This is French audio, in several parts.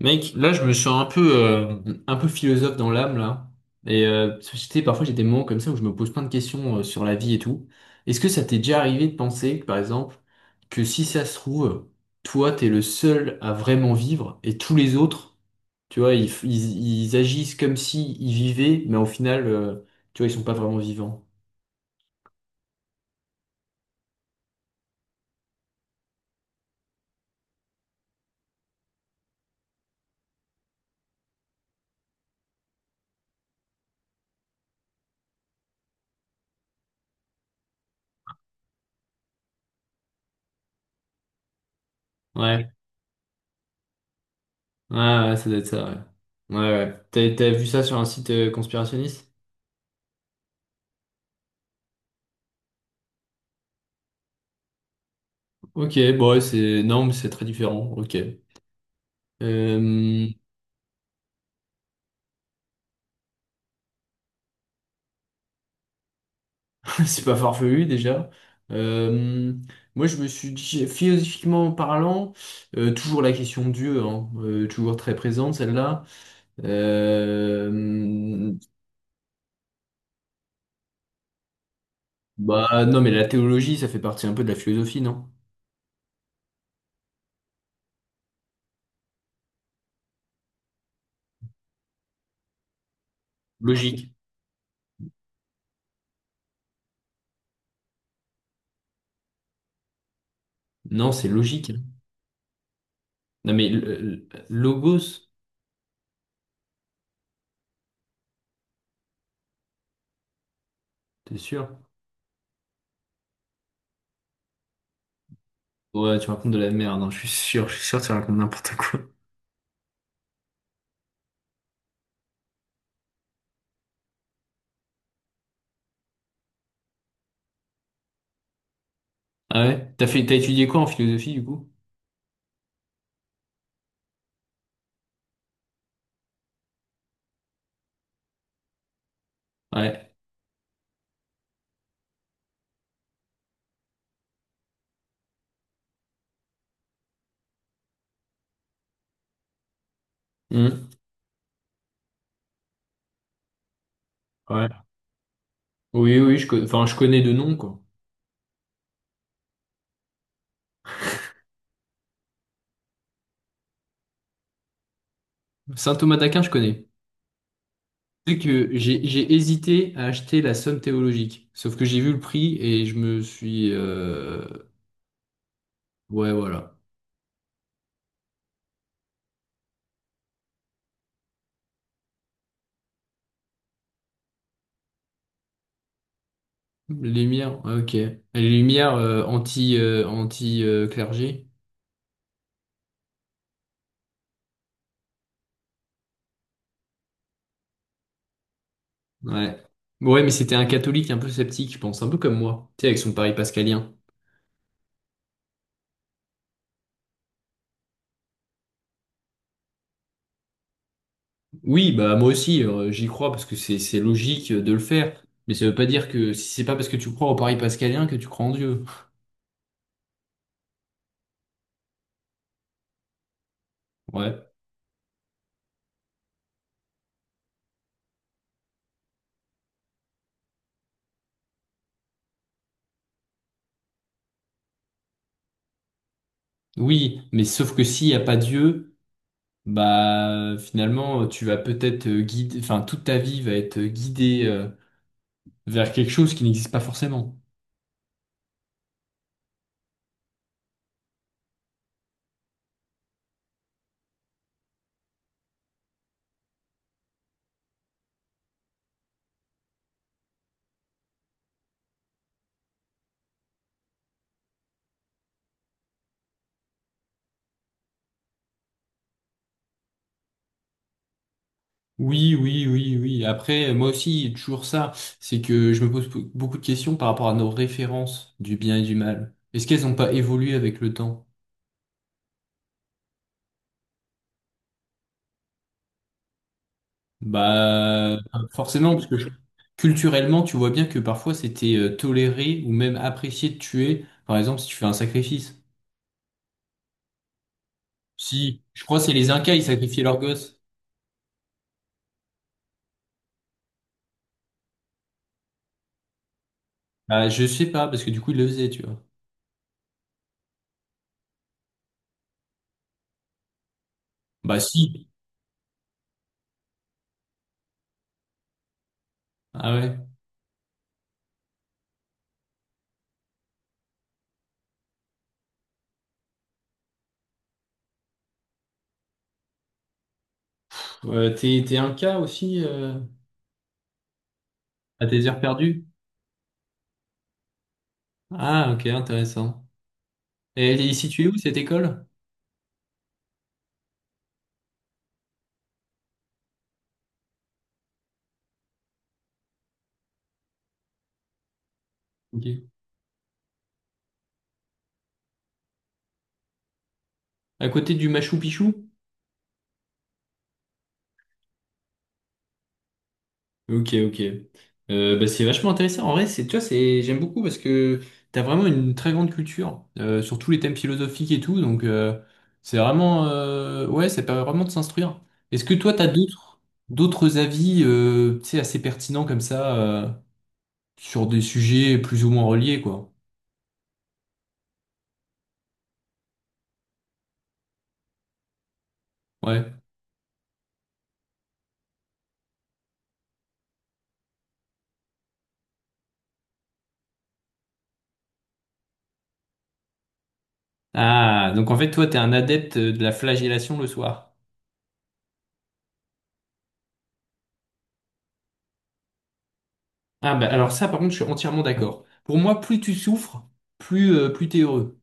Mec, là, je me sens un peu philosophe dans l'âme, là. Parce que, tu sais, parfois, j'ai des moments comme ça où je me pose plein de questions sur la vie et tout. Est-ce que ça t'est déjà arrivé de penser, par exemple, que si ça se trouve, toi, t'es le seul à vraiment vivre et tous les autres, tu vois, ils agissent comme si ils vivaient, mais au final, tu vois, ils sont pas vraiment vivants. Ouais, ouais, ouais, ça doit être ça, ouais. Ouais, ouais. T'as vu ça sur un site conspirationniste? Ok, bon, ouais, c'est... Non, mais c'est très différent, ok. Euh, c'est pas farfelu déjà. Euh, Moi, je me suis dit, philosophiquement parlant, toujours la question de Dieu, hein, toujours très présente celle-là. Euh, Bah non, mais la théologie, ça fait partie un peu de la philosophie, non? Logique. Non, c'est logique, hein. Non, mais logos, t'es sûr? Ouais, tu racontes de la merde, hein, je suis sûr, que tu racontes n'importe quoi. Ah ouais? T'as étudié quoi en philosophie du coup? Ouais. Hmm. Ouais. Oui, oui, enfin, je connais de nom, quoi. Saint Thomas d'Aquin, je connais. C'est que j'ai hésité à acheter la somme théologique, sauf que j'ai vu le prix et je me suis... Ouais, voilà. Lumière, ok. Les lumières anti, clergé. Ouais. Ouais, mais c'était un catholique un peu sceptique, je pense, un peu comme moi, tu sais, avec son pari pascalien. Oui, bah moi aussi, j'y crois parce que c'est logique de le faire, mais ça veut pas dire que si c'est pas parce que tu crois au pari pascalien que tu crois en Dieu. Ouais. Oui, mais sauf que s'il n'y a pas Dieu, bah finalement tu vas peut-être guider, enfin toute ta vie va être guidée vers quelque chose qui n'existe pas forcément. Oui, oui, oui, oui. Après, moi aussi, toujours ça, c'est que je me pose pou- beaucoup de questions par rapport à nos références du bien et du mal. Est-ce qu'elles n'ont pas évolué avec le temps? Bah forcément, parce que culturellement, tu vois bien que parfois c'était toléré ou même apprécié de tuer, par exemple, si tu fais un sacrifice. Si, je crois que c'est les Incas, ils sacrifiaient leurs gosses. Bah, je sais pas, parce que du coup, il le faisait, tu vois. Bah, si. Ah ouais. Pff, t'es un cas aussi, à tes heures perdues? Ah, ok, intéressant. Et elle est située où, cette école? Ok. À côté du Machu Picchu? Ok, ok. Bah, c'est vachement intéressant. En vrai, c'est, j'aime beaucoup parce que t'as vraiment une très grande culture, sur tous les thèmes philosophiques et tout. Donc, c'est vraiment, ouais, ça permet vraiment de s'instruire. Est-ce que toi, d'autres avis, tu sais, assez pertinents comme ça, sur des sujets plus ou moins reliés, quoi. Ouais. Ah, donc en fait, toi, t'es un adepte de la flagellation le soir. Ah, bah alors ça, par contre, je suis entièrement d'accord. Pour moi, plus tu souffres, plus t'es heureux.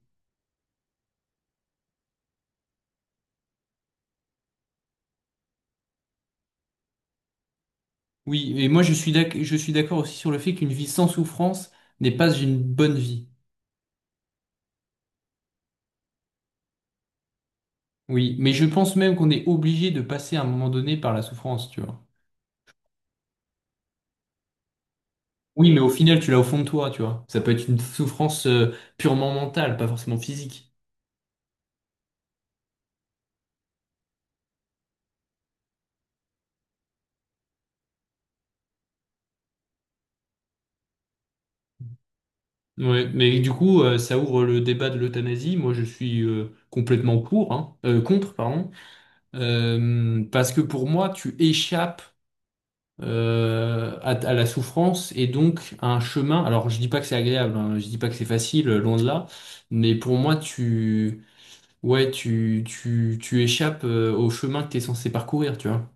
Oui, et moi, je suis d'accord aussi sur le fait qu'une vie sans souffrance n'est pas une bonne vie. Oui, mais je pense même qu'on est obligé de passer à un moment donné par la souffrance, tu vois. Oui, mais au final, tu l'as au fond de toi, tu vois. Ça peut être une souffrance, purement mentale, pas forcément physique. Ouais, mais du coup, ça ouvre le débat de l'euthanasie. Moi, je suis complètement pour, hein, contre, pardon. Parce que pour moi, tu échappes à la souffrance et donc à un chemin. Alors, je dis pas que c'est agréable, hein, je dis pas que c'est facile, loin de là, mais pour moi, tu échappes au chemin que tu es censé parcourir, tu vois.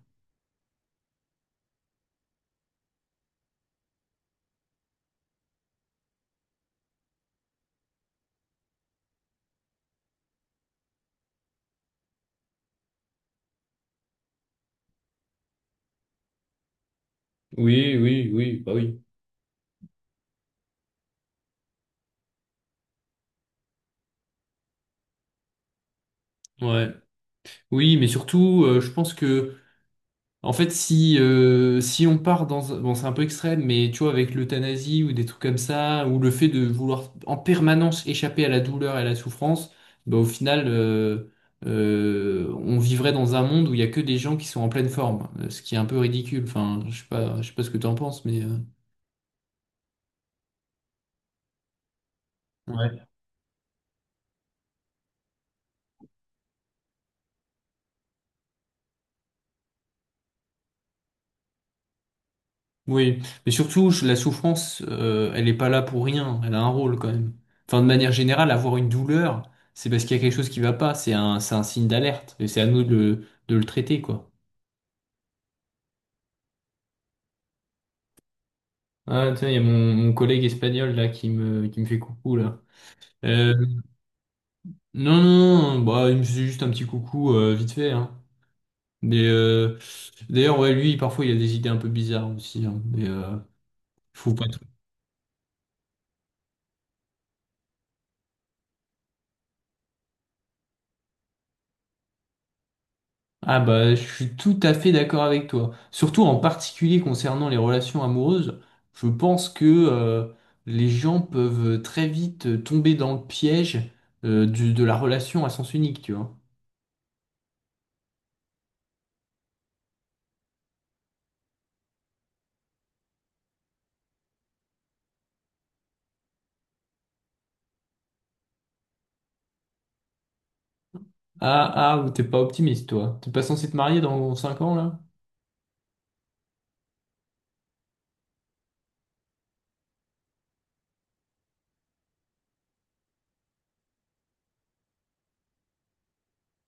Oui, oui, oui, bah oui. Ouais. Oui, mais surtout, je pense que en fait, si, si on part dans... Bon, c'est un peu extrême, mais tu vois, avec l'euthanasie ou des trucs comme ça, ou le fait de vouloir en permanence échapper à la douleur et à la souffrance, bah, au final, on vivrait dans un monde où il y a que des gens qui sont en pleine forme, ce qui est un peu ridicule. Enfin, je sais pas, ce que tu en penses, mais... Ouais. Oui, mais surtout, la souffrance, elle n'est pas là pour rien, elle a un rôle quand même. Enfin, de manière générale, avoir une douleur, c'est parce qu'il y a quelque chose qui va pas, c'est un signe d'alerte, et c'est à nous de de le traiter, quoi. Ah, tiens, il y a mon collègue espagnol, là, qui qui me fait coucou, là. Euh, non, non, non, bah, il me faisait juste un petit coucou, vite fait, hein. Mais, d'ailleurs, ouais, lui, parfois, il a des idées un peu bizarres aussi, hein, mais, faut pas. Ah bah, je suis tout à fait d'accord avec toi. Surtout en particulier concernant les relations amoureuses, je pense que les gens peuvent très vite tomber dans le piège de la relation à sens unique, tu vois. Ah ah, t'es pas optimiste, toi. T'es pas censé te marier dans 5 ans, là?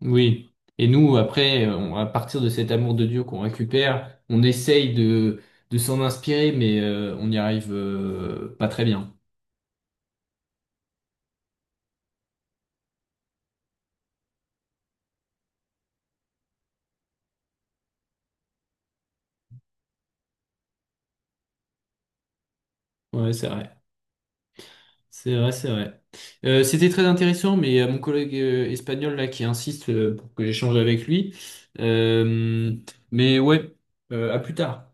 Oui. Et nous, après, à partir de cet amour de Dieu qu'on récupère, on essaye de s'en inspirer, mais on n'y arrive pas très bien. Ouais, c'est vrai. C'est vrai, c'est vrai. C'était très intéressant, mais mon collègue espagnol là qui insiste pour que j'échange avec lui. Euh, mais ouais, à plus tard.